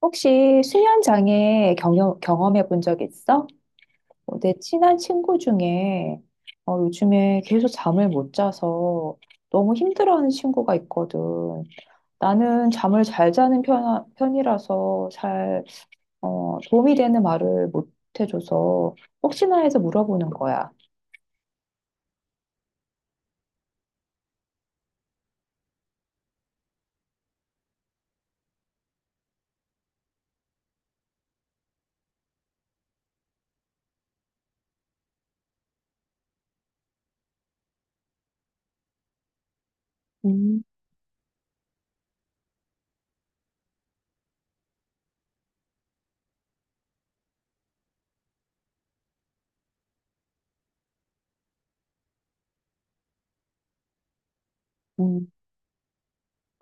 혹시 수면 장애 경험해 본 적 있어? 어, 내 친한 친구 중에 요즘에 계속 잠을 못 자서 너무 힘들어하는 친구가 있거든. 나는 잠을 잘 자는 편이라서 잘 도움이 되는 말을 못 해줘서 혹시나 해서 물어보는 거야. 음. 음.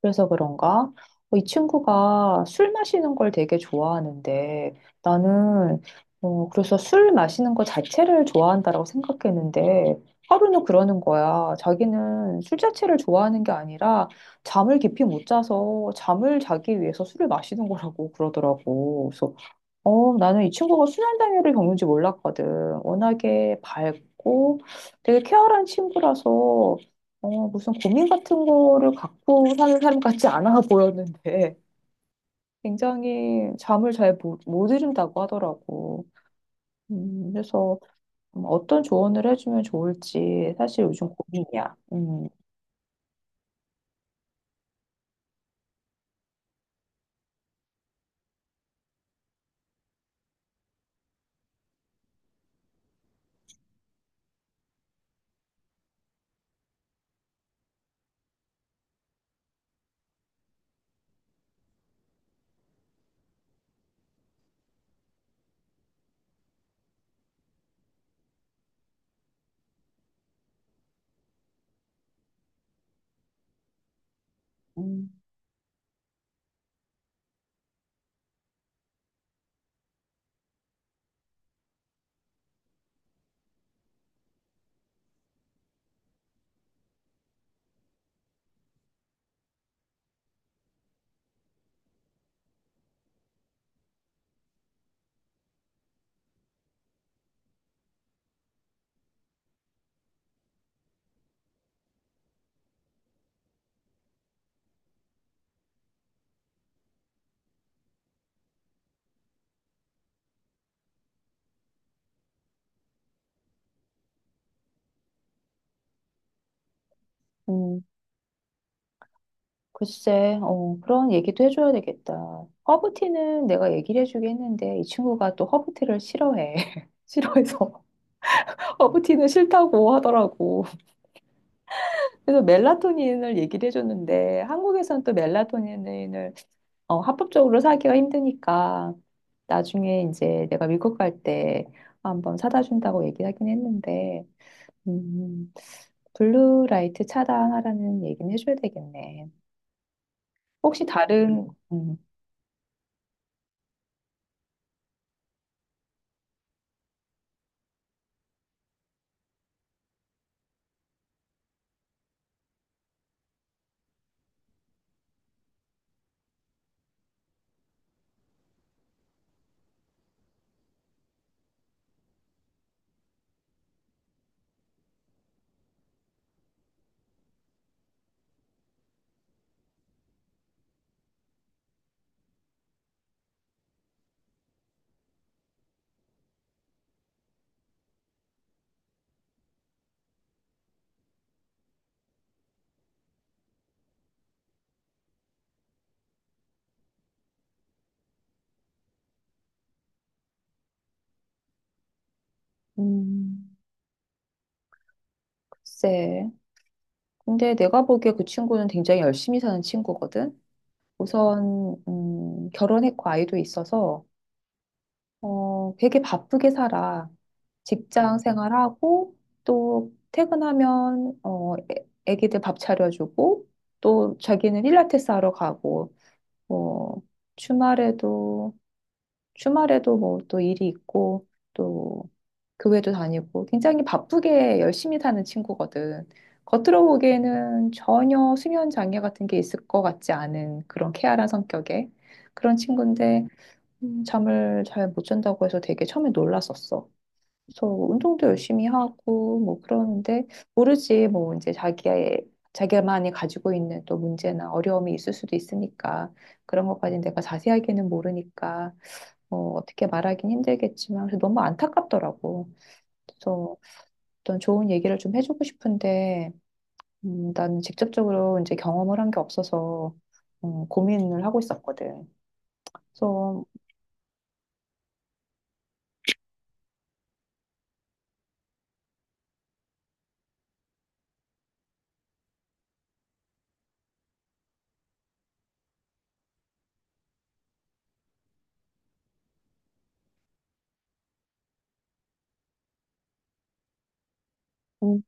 그래서 그런가? 어, 이 친구가 술 마시는 걸 되게 좋아하는데 나는 그래서 술 마시는 거 자체를 좋아한다라고 생각했는데 하루는 그러는 거야. 자기는 술 자체를 좋아하는 게 아니라 잠을 깊이 못 자서 잠을 자기 위해서 술을 마시는 거라고 그러더라고. 그래서 나는 이 친구가 순환장애를 겪는지 몰랐거든. 워낙에 밝고 되게 쾌활한 친구라서 어, 무슨 고민 같은 거를 갖고 사는 사람 같지 않아 보였는데 굉장히 잠을 잘 못 이룬다고 하더라고. 그래서 어떤 조언을 해주면 좋을지 사실 요즘 고민이야. 음, 음. 글쎄, 어, 그런 얘기도 해줘야 되겠다. 허브티는 내가 얘기를 해주긴 했는데 이 친구가 또 허브티를 싫어해. 싫어해서 허브티는 싫다고 하더라고. 그래서 멜라토닌을 얘기를 해줬는데 한국에선 또 멜라토닌을 합법적으로 사기가 힘드니까 나중에 이제 내가 미국 갈 때 한번 사다 준다고 얘기하긴 했는데 음, 블루라이트 차단하라는 얘기는 해줘야 되겠네. 혹시 다른 음. 글쎄. 근데 내가 보기에 그 친구는 굉장히 열심히 사는 친구거든. 우선 결혼했고 아이도 있어서 되게 바쁘게 살아. 직장 생활하고 또 퇴근하면 어, 애기들 밥 차려주고 또 자기는 필라테스 하러 가고 뭐 주말에도 주말에도 뭐 또 일이 있고 또 교회도 다니고 굉장히 바쁘게 열심히 사는 친구거든. 겉으로 보기에는 전혀 수면 장애 같은 게 있을 것 같지 않은 그런 케알한 성격의 그런 친구인데 잠을 잘 못 잔다고 해서 되게 처음에 놀랐었어. 그래서 뭐 운동도 열심히 하고 뭐 그러는데 모르지 뭐 이제 자기의 자기만이 가지고 있는 또 문제나 어려움이 있을 수도 있으니까 그런 것까지 내가 자세하게는 모르니까 어떻게 말하긴 힘들겠지만 그래서 너무 안타깝더라고. 그래서 어떤 좋은 얘기를 좀 해주고 싶은데 나는 직접적으로 이제 경험을 한 게 없어서 고민을 하고 있었거든. 그래서 음,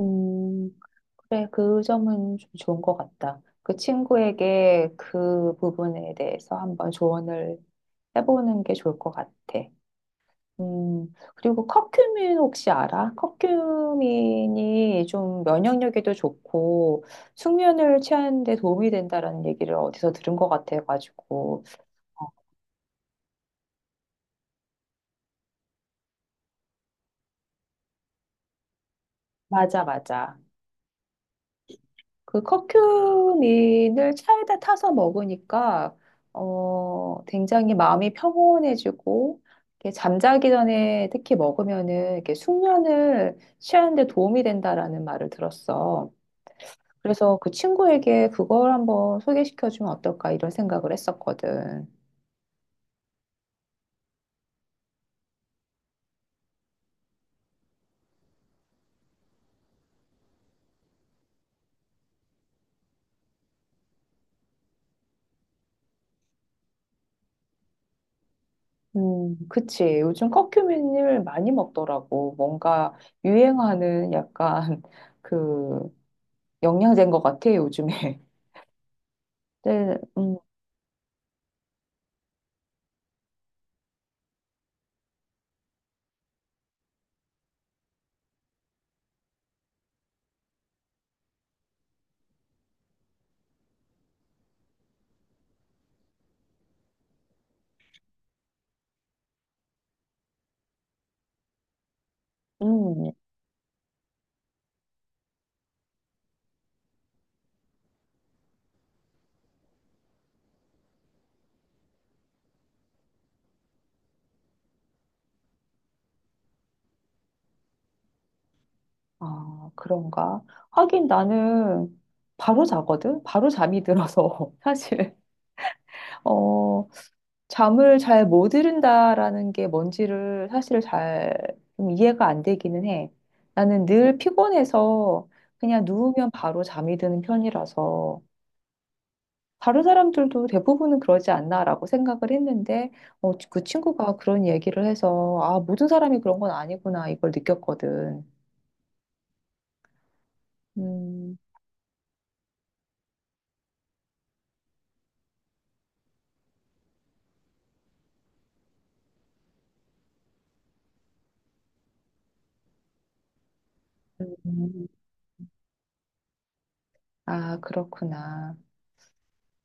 음, 그래 그 점은 좀 좋은 것 같다. 그 친구에게 그 부분에 대해서 한번 조언을 해보는 게 좋을 것 같아. 그리고 커큐민 혹시 알아? 커큐민이 좀 면역력에도 좋고 숙면을 취하는 데 도움이 된다라는 얘기를 어디서 들은 것 같아가지고. 어, 맞아, 맞아. 그 커큐민을 차에다 타서 먹으니까 굉장히 마음이 평온해지고 이렇게 잠자기 전에 특히 먹으면은 이렇게 숙면을 취하는 데 도움이 된다라는 말을 들었어. 그래서 그 친구에게 그걸 한번 소개시켜주면 어떨까 이런 생각을 했었거든. 그치. 요즘 커큐민을 많이 먹더라고. 뭔가 유행하는 약간 그 영양제인 것 같아, 요즘에. 네, 음, 아, 그런가. 하긴 나는 바로 자거든? 바로 잠이 들어서. 사실. 어, 잠을 잘 못 이룬다라는 게 뭔지를 사실 잘 좀 이해가 안 되기는 해. 나는 늘 피곤해서 그냥 누우면 바로 잠이 드는 편이라서 다른 사람들도 대부분은 그러지 않나라고 생각을 했는데 그 친구가 그런 얘기를 해서 아, 모든 사람이 그런 건 아니구나 이걸 느꼈거든. 음, 음, 아, 그렇구나.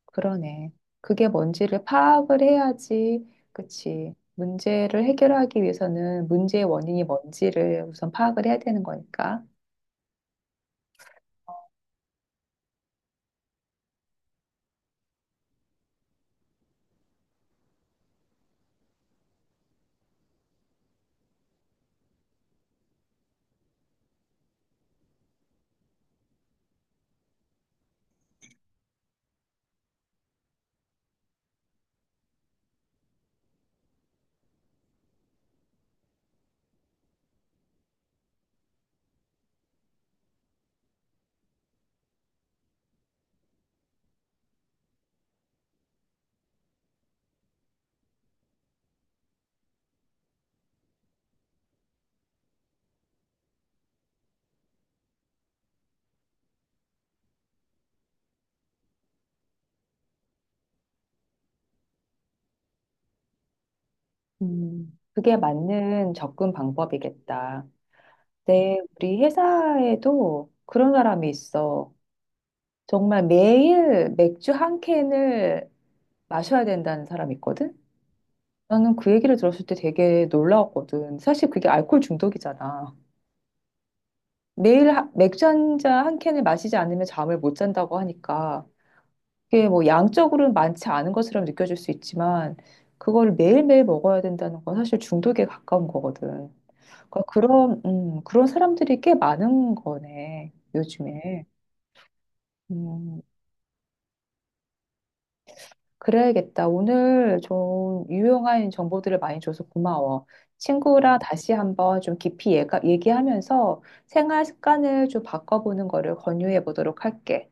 그러네. 그게 뭔지를 파악을 해야지, 그치. 문제를 해결하기 위해서는 문제의 원인이 뭔지를 우선 파악을 해야 되는 거니까. 그게 맞는 접근 방법이겠다. 네, 우리 회사에도 그런 사람이 있어. 정말 매일 맥주 한 캔을 마셔야 된다는 사람이 있거든? 나는 그 얘기를 들었을 때 되게 놀라웠거든. 사실 그게 알코올 중독이잖아. 매일 맥주 한잔 한 캔을 마시지 않으면 잠을 못 잔다고 하니까 그게 뭐 양적으로는 많지 않은 것처럼 느껴질 수 있지만 그걸 매일매일 먹어야 된다는 건 사실 중독에 가까운 거거든. 그러니까 그런 그런 사람들이 꽤 많은 거네, 요즘에. 음, 그래야겠다. 오늘 좀 유용한 정보들을 많이 줘서 고마워. 친구랑 다시 한번 좀 깊이 얘기하면서 생활 습관을 좀 바꿔보는 거를 권유해 보도록 할게.